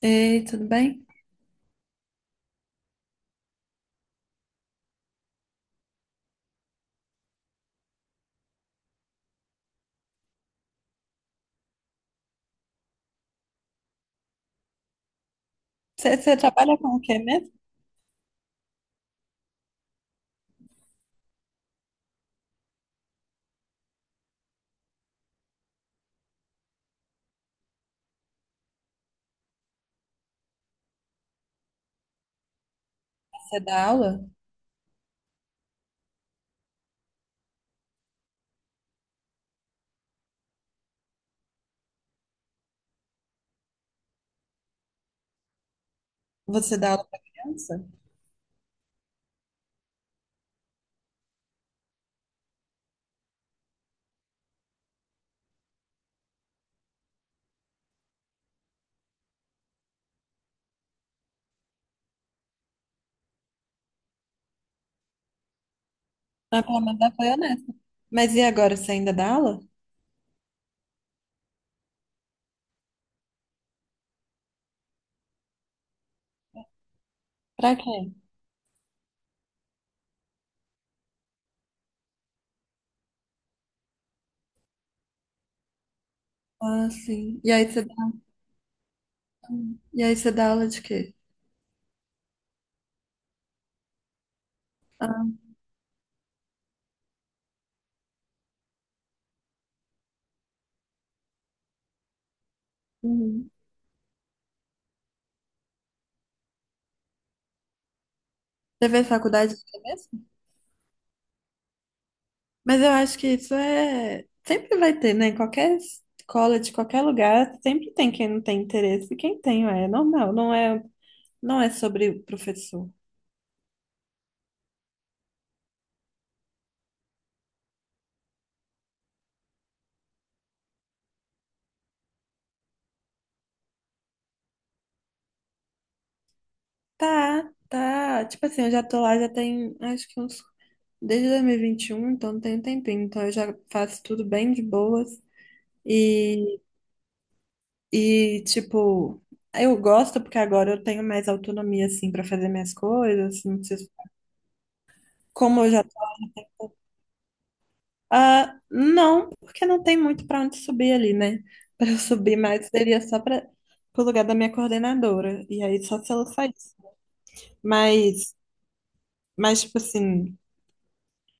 Ei, tudo bem? Você trabalha com o quê mesmo? Você dá aula? Você dá aula para criança? Ah, pelo menos ela foi honesta. Mas e agora, você ainda dá aula? Pra quem? Ah, sim. E aí você dá aula de quê? Ah, uhum. Você fez faculdade de quê mesmo? Mas eu acho que isso é... Sempre vai ter, né? Em qualquer escola, de qualquer lugar, sempre tem quem não tem interesse e quem tem, é normal. Não é sobre o professor. Tá, tá. Tipo assim, eu já tô lá, já tem, acho que uns. Desde dois mil e vinte e um, então tem um tempinho. Então eu já faço tudo bem de boas. E, e tipo, eu gosto porque agora eu tenho mais autonomia, assim, pra fazer minhas coisas. Assim, não preciso... Como eu já. Ah, não, porque não tem muito pra onde subir ali, né? Pra eu subir mais seria só para pro lugar da minha coordenadora. E aí só se ela saísse. Mas, mas tipo assim,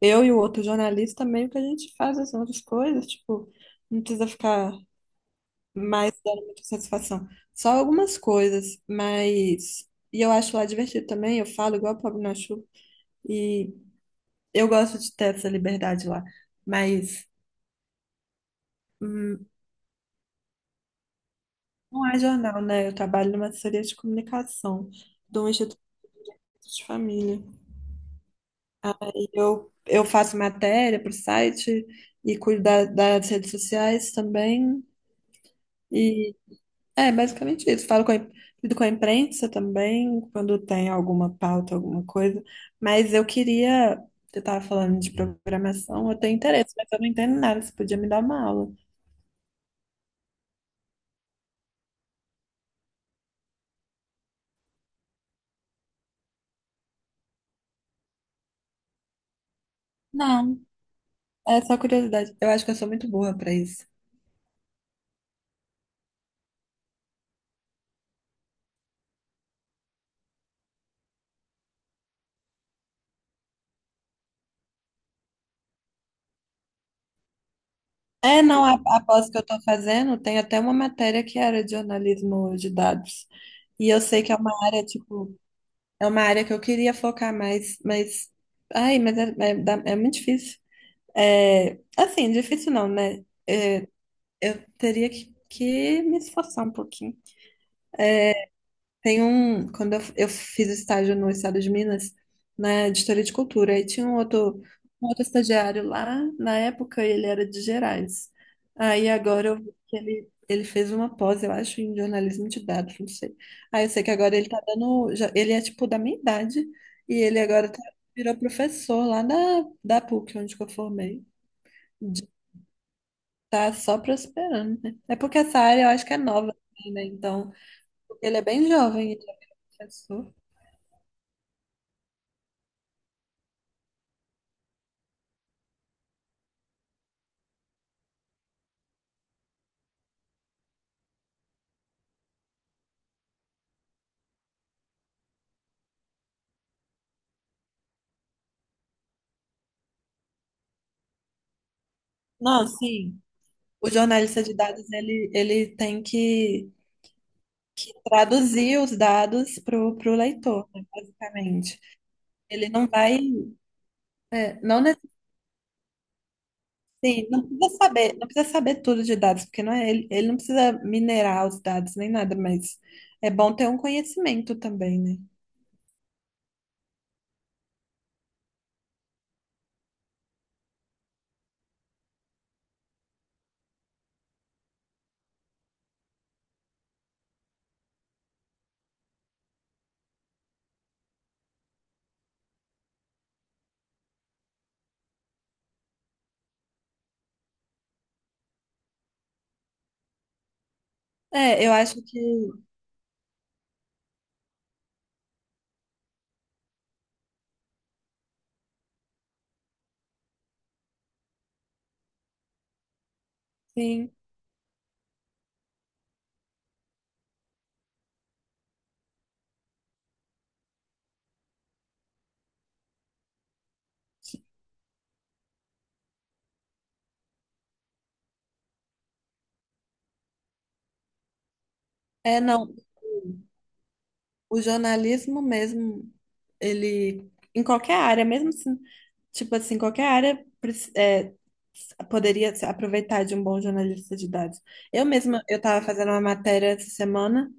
eu e o outro jornalista, meio que a gente faz as outras coisas, tipo, não precisa ficar mais dando muita satisfação. Só algumas coisas, mas. E eu acho lá divertido também, eu falo igual o Pablo Nachu, e eu gosto de ter essa liberdade lá, mas hum, não é jornal, né? Eu trabalho numa assessoria de comunicação de um instituto de família. Eu faço matéria para o site e cuido das redes sociais também. É, basicamente isso. Lido com a imprensa também, quando tem alguma pauta, alguma coisa. Mas eu queria. Você estava falando de programação, eu tenho interesse, mas eu não entendo nada. Você podia me dar uma aula? Não, é só curiosidade. Eu acho que eu sou muito boa para isso. É, não, a pós que eu estou fazendo tem até uma matéria que era de jornalismo de dados. E eu sei que é uma área, tipo, é uma área que eu queria focar mais, mas. Ai, mas é muito difícil. É, assim, difícil não, né? Eu teria que me esforçar um pouquinho. Tem um, quando eu fiz estágio no Estado de Minas, na editoria de cultura, aí tinha um outro estagiário lá, na época ele era de Gerais. Aí agora eu vi que ele fez uma pós, eu acho, em jornalismo de dados, não sei. Aí eu sei que agora ele tá dando, já- ele é tipo da minha idade, e ele agora tá- virou professor lá da PUC, onde que eu formei. De- Tá só prosperando, né? É porque essa área eu acho que é nova, assim, né? Então, ele é bem jovem, ele é professor. Não, sim. O jornalista de dados, ele tem que traduzir os dados para o leitor, né, basicamente. Ele não vai, não, ne- sim, não precisa saber, não precisa saber tudo de dados, porque não é, ele não precisa minerar os dados nem nada, mas é bom ter um conhecimento também, né? É, eu acho que sim. É, não. O jornalismo mesmo, ele, em qualquer área, mesmo assim, tipo assim, qualquer área preci- é, poderia se aproveitar de um bom jornalista de dados. Eu mesma, eu estava fazendo uma matéria essa semana,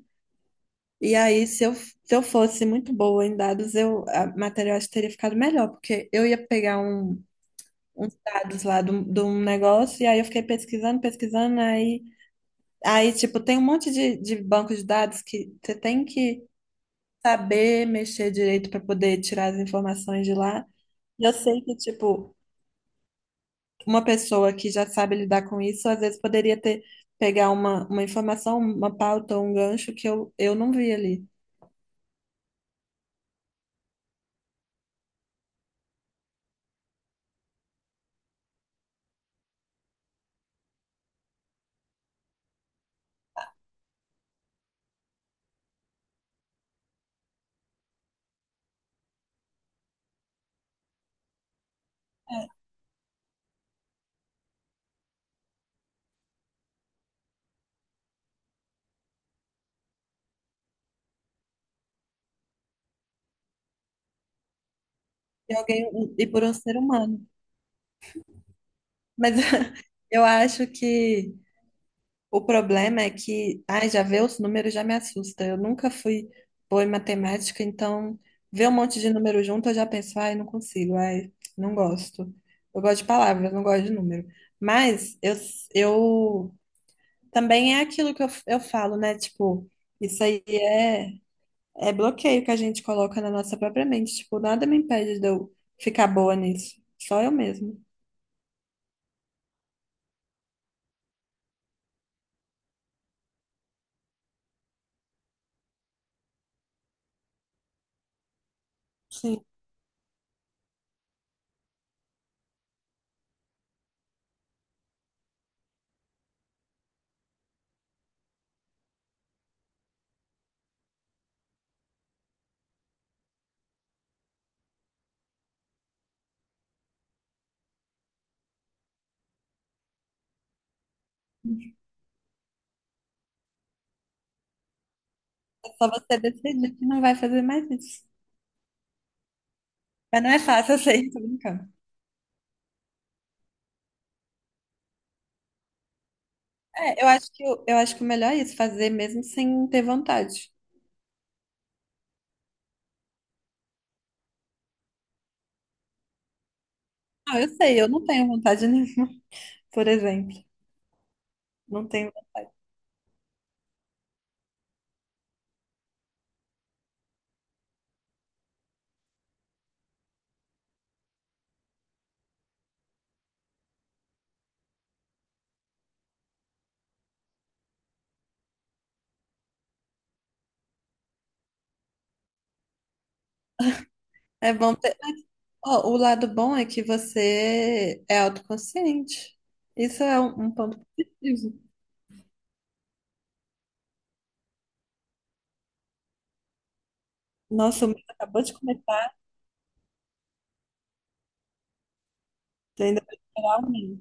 e aí, se eu fosse muito boa em dados, eu, a matéria eu acho que teria ficado melhor, porque eu ia pegar um, uns dados lá de um negócio, e aí eu fiquei pesquisando, pesquisando, aí, aí tipo, tem um monte de banco de dados que você tem que saber mexer direito para poder tirar as informações de lá. E eu sei que, tipo, uma pessoa que já sabe lidar com isso, às vezes poderia ter pegar uma informação, uma pauta, um gancho que eu não vi ali. E alguém, um, e por um ser humano. Mas eu acho que o problema é que, ai, já ver os números já me assusta. Eu nunca fui boa em matemática, então ver um monte de número junto eu já penso, ai, não consigo, ai, não gosto. Eu gosto de palavras, não gosto de número. Mas eu também é aquilo que eu falo, né? Tipo, isso aí é, é bloqueio que a gente coloca na nossa própria mente. Tipo, nada me impede de eu ficar boa nisso. Só eu mesmo. Sim, é só você decidir que não vai fazer mais isso. Mas não é fácil, eu sei, tô brincando. É, eu acho que eu acho que o melhor é isso, fazer mesmo sem ter vontade. Não, eu sei, eu não tenho vontade nenhuma, por exemplo. Não tenho. É bom ter. Ó, o lado bom é que você é autoconsciente. Isso é um ponto positivo. Nossa, o mês acabou de começar. Você ainda vai esperar o mês.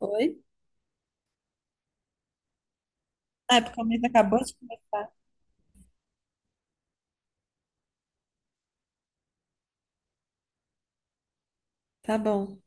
Oi? Ah, é porque o mês acabou de começar. Tá bom.